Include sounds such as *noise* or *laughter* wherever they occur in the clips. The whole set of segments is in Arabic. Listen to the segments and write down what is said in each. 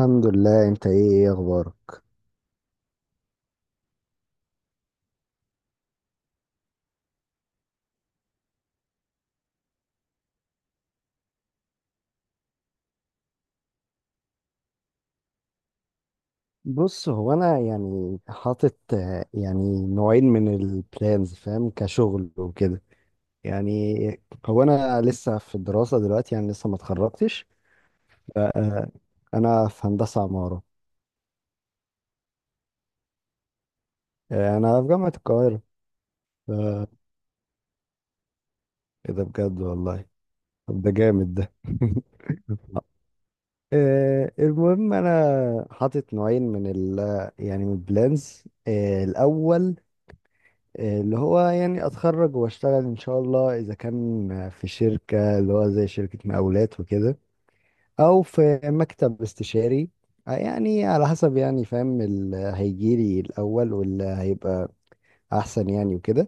الحمد لله. انت، ايه اخبارك؟ بص، هو انا يعني حاطط يعني نوعين من البلانز، فاهم؟ كشغل وكده يعني. هو انا لسه في الدراسة دلوقتي، يعني لسه ما اتخرجتش. آه، انا في هندسة عمارة. آه، انا في جامعة القاهرة. آه، ايه ده بجد والله! طب ده جامد ده! *laughs* المهم انا حاطط نوعين من ال من البلانز، الاول. اللي هو يعني اتخرج واشتغل ان شاء الله، اذا كان في شركة، اللي هو زي شركة مقاولات وكده، او في مكتب استشاري. يعني على حسب، يعني فاهم اللي هيجيلي الاول واللي هيبقى احسن يعني وكده.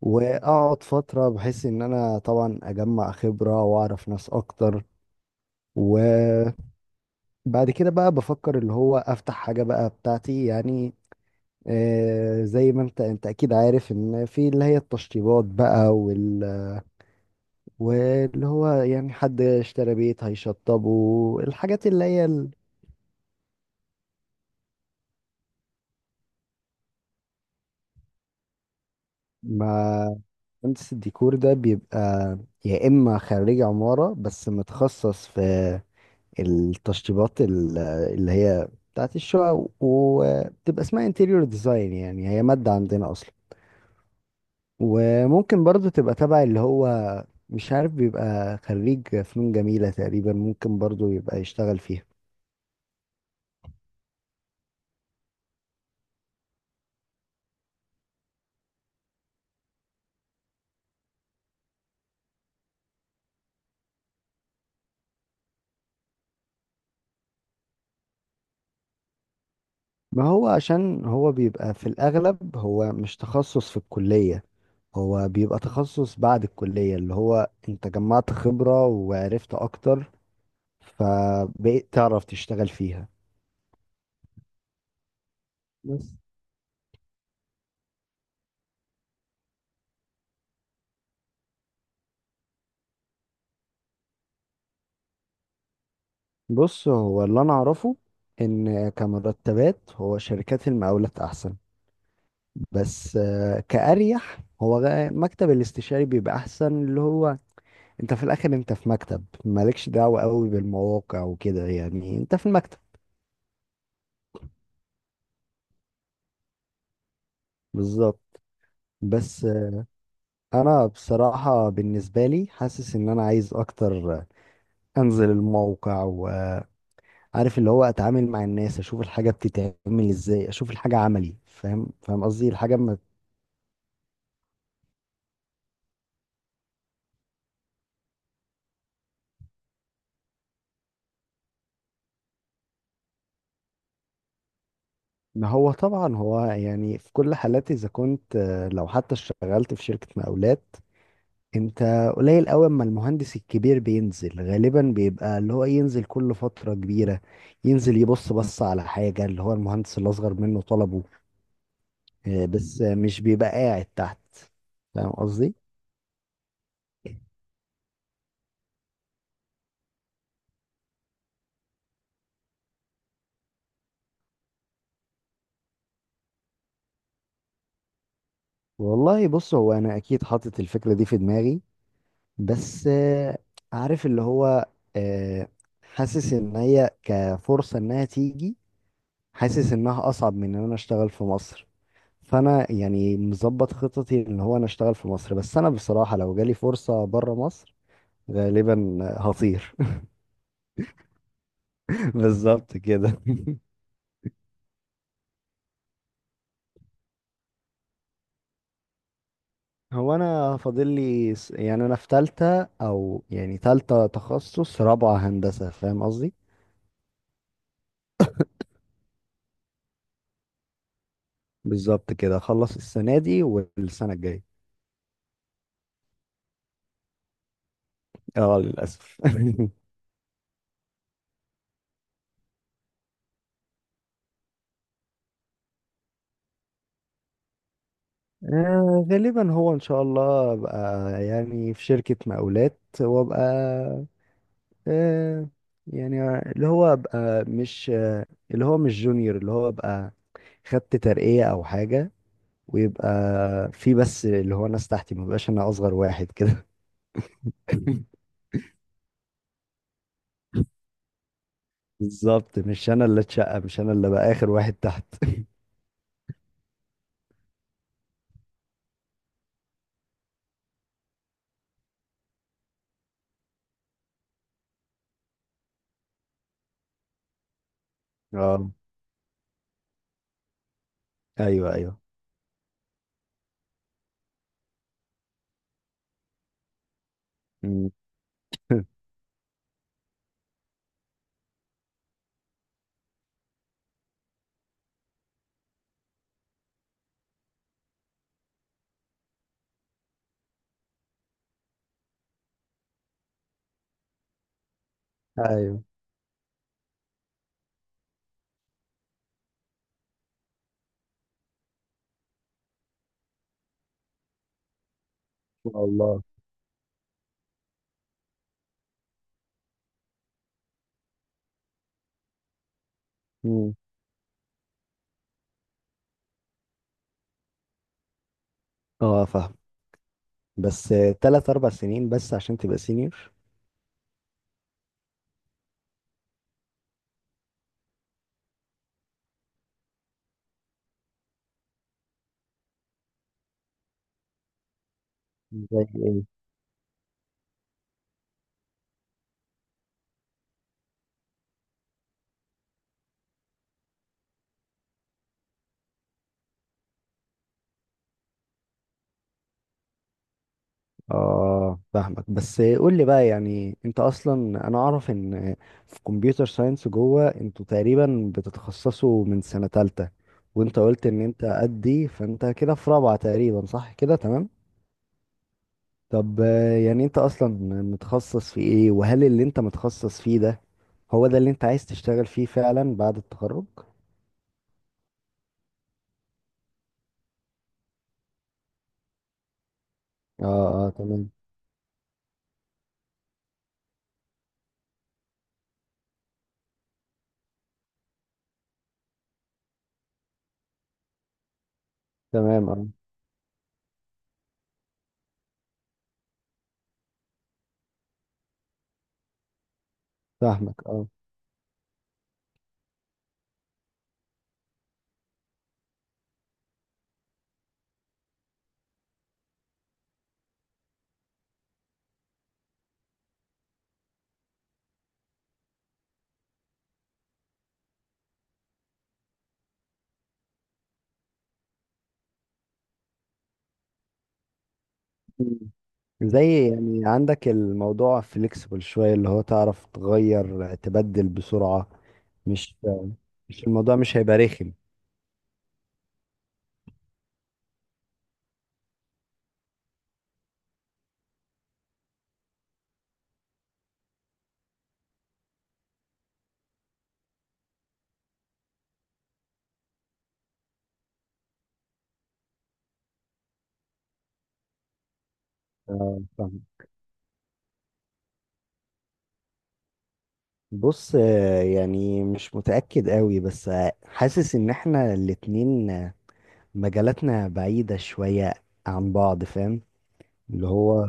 واقعد فترة بحيث ان انا طبعا اجمع خبرة واعرف ناس اكتر، وبعد كده بقى بفكر اللي هو افتح حاجة بقى بتاعتي يعني. زي ما انت اكيد عارف ان في اللي هي التشطيبات بقى واللي هو يعني حد اشترى بيت هيشطبه الحاجات اللي هي ال-. ما مهندس الديكور ده بيبقى يا إما خريج عمارة بس متخصص في التشطيبات اللي هي بتاعت الشقق وبتبقى اسمها انتيريور ديزاين، يعني هي مادة عندنا أصلا. وممكن برضو تبقى تبع اللي هو، مش عارف، بيبقى خريج فنون جميلة تقريبا، ممكن برضو يبقى يشتغل فيها. ما هو عشان هو بيبقى في الأغلب هو مش تخصص في الكلية. هو بيبقى تخصص بعد الكلية، اللي هو أنت جمعت خبرة وعرفت أكتر، فبقيت تعرف تشتغل فيها. بس. بص، هو اللي أنا أعرفه إن كمرتبات، هو شركات المقاولات أحسن. بس كأريح هو مكتب الاستشاري بيبقى أحسن، اللي هو أنت في الآخر أنت في مكتب مالكش دعوة قوي بالمواقع وكده، يعني أنت في المكتب. بالظبط. بس انا بصراحة بالنسبة لي حاسس ان انا عايز اكتر، انزل الموقع وعارف اللي هو، اتعامل مع الناس، اشوف الحاجة بتتعمل ازاي، اشوف الحاجة عملي، فاهم قصدي الحاجة. ما هو طبعا، هو يعني في كل حالات، اذا كنت لو حتى اشتغلت في شركة مقاولات، انت قليل قوي اما المهندس الكبير بينزل، غالبا بيبقى اللي هو ينزل كل فترة كبيرة ينزل يبص بص على حاجة اللي هو المهندس الاصغر منه طلبه. بس مش بيبقى قاعد تحت، فاهم قصدي. والله بص، هو انا اكيد حاطط الفكره دي في دماغي. بس عارف اللي هو، آه، حاسس ان هي كفرصه انها تيجي، حاسس انها اصعب من ان انا اشتغل في مصر. فانا يعني مظبط خططي ان هو انا اشتغل في مصر، بس انا بصراحه لو جالي فرصه بره مصر غالبا هطير. *laughs* بالظبط كده. هو انا فاضل لي يعني انا في تالتة، او يعني تالتة تخصص رابعة هندسة، فاهم قصدي. بالظبط كده، اخلص السنة دي والسنة الجاية. اه، للاسف. *laughs* غالبا هو ان شاء الله ابقى يعني في شركة مقاولات، وابقى آه، يعني اللي هو ابقى مش آه، اللي هو مش جونيور، اللي هو ابقى خدت ترقية او حاجة، ويبقى في بس اللي هو ناس تحتي، مبقاش انا اصغر واحد كده. *laughs* بالظبط، مش انا اللي اتشقى، مش انا اللي بقى اخر واحد تحت. *laughs* اه، ايوه، ايوه. مم. *laughs* ايوه، ان شاء الله. مم. اه، فاهم. بس ثلاث اربع سنين بس عشان تبقى سينيور؟ زي ايه؟ اه، فاهمك. بس قول لي بقى، يعني انت اصلا، انا اعرف ان في كمبيوتر ساينس جوه انتوا تقريبا بتتخصصوا من سنة تالتة، وانت قلت ان انت قدي، فانت كده في رابعة تقريبا، صح كده؟ تمام. طب يعني انت اصلا متخصص في ايه، وهل اللي انت متخصص فيه ده هو ده اللي انت عايز تشتغل فيه فعلا بعد التخرج؟ اه، اه، تمام. تمام. اه، فاهمك. اه. مم. زي يعني عندك الموضوع فليكسبل شوية، اللي هو تعرف تغير تبدل بسرعة. مش مش الموضوع مش هيبقى رخم. اه، فاهم. بص يعني مش متأكد قوي، بس حاسس ان احنا الاتنين مجالاتنا بعيدة شوية عن بعض، فاهم، اللي هو.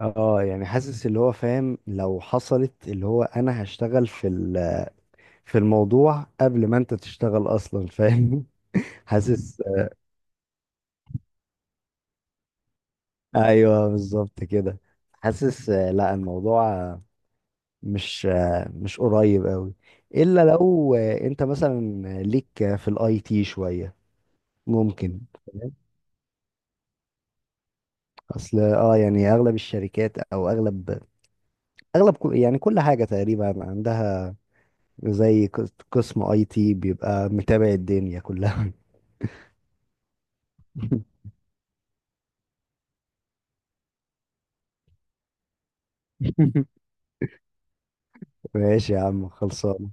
اه، يعني حاسس اللي هو فاهم لو حصلت اللي هو انا هشتغل في الموضوع قبل ما انت تشتغل اصلا، فاهم. *laughs* حاسس، ايوه بالظبط كده. حاسس لا الموضوع مش قريب قوي. الا لو انت مثلا ليك في الاي تي شوية، ممكن. فاهم؟ اصل، اه، يعني اغلب الشركات، او اغلب كل حاجة تقريبا عندها زي قسم اي تي بيبقى متابع الدنيا كلها. *laughs* *laughs* ماشي يا عم، خلصان.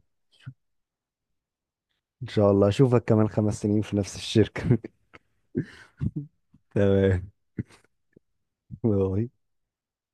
ان شاء الله اشوفك كمان 5 سنين في نفس الشركة. *laughs* تمام. باي.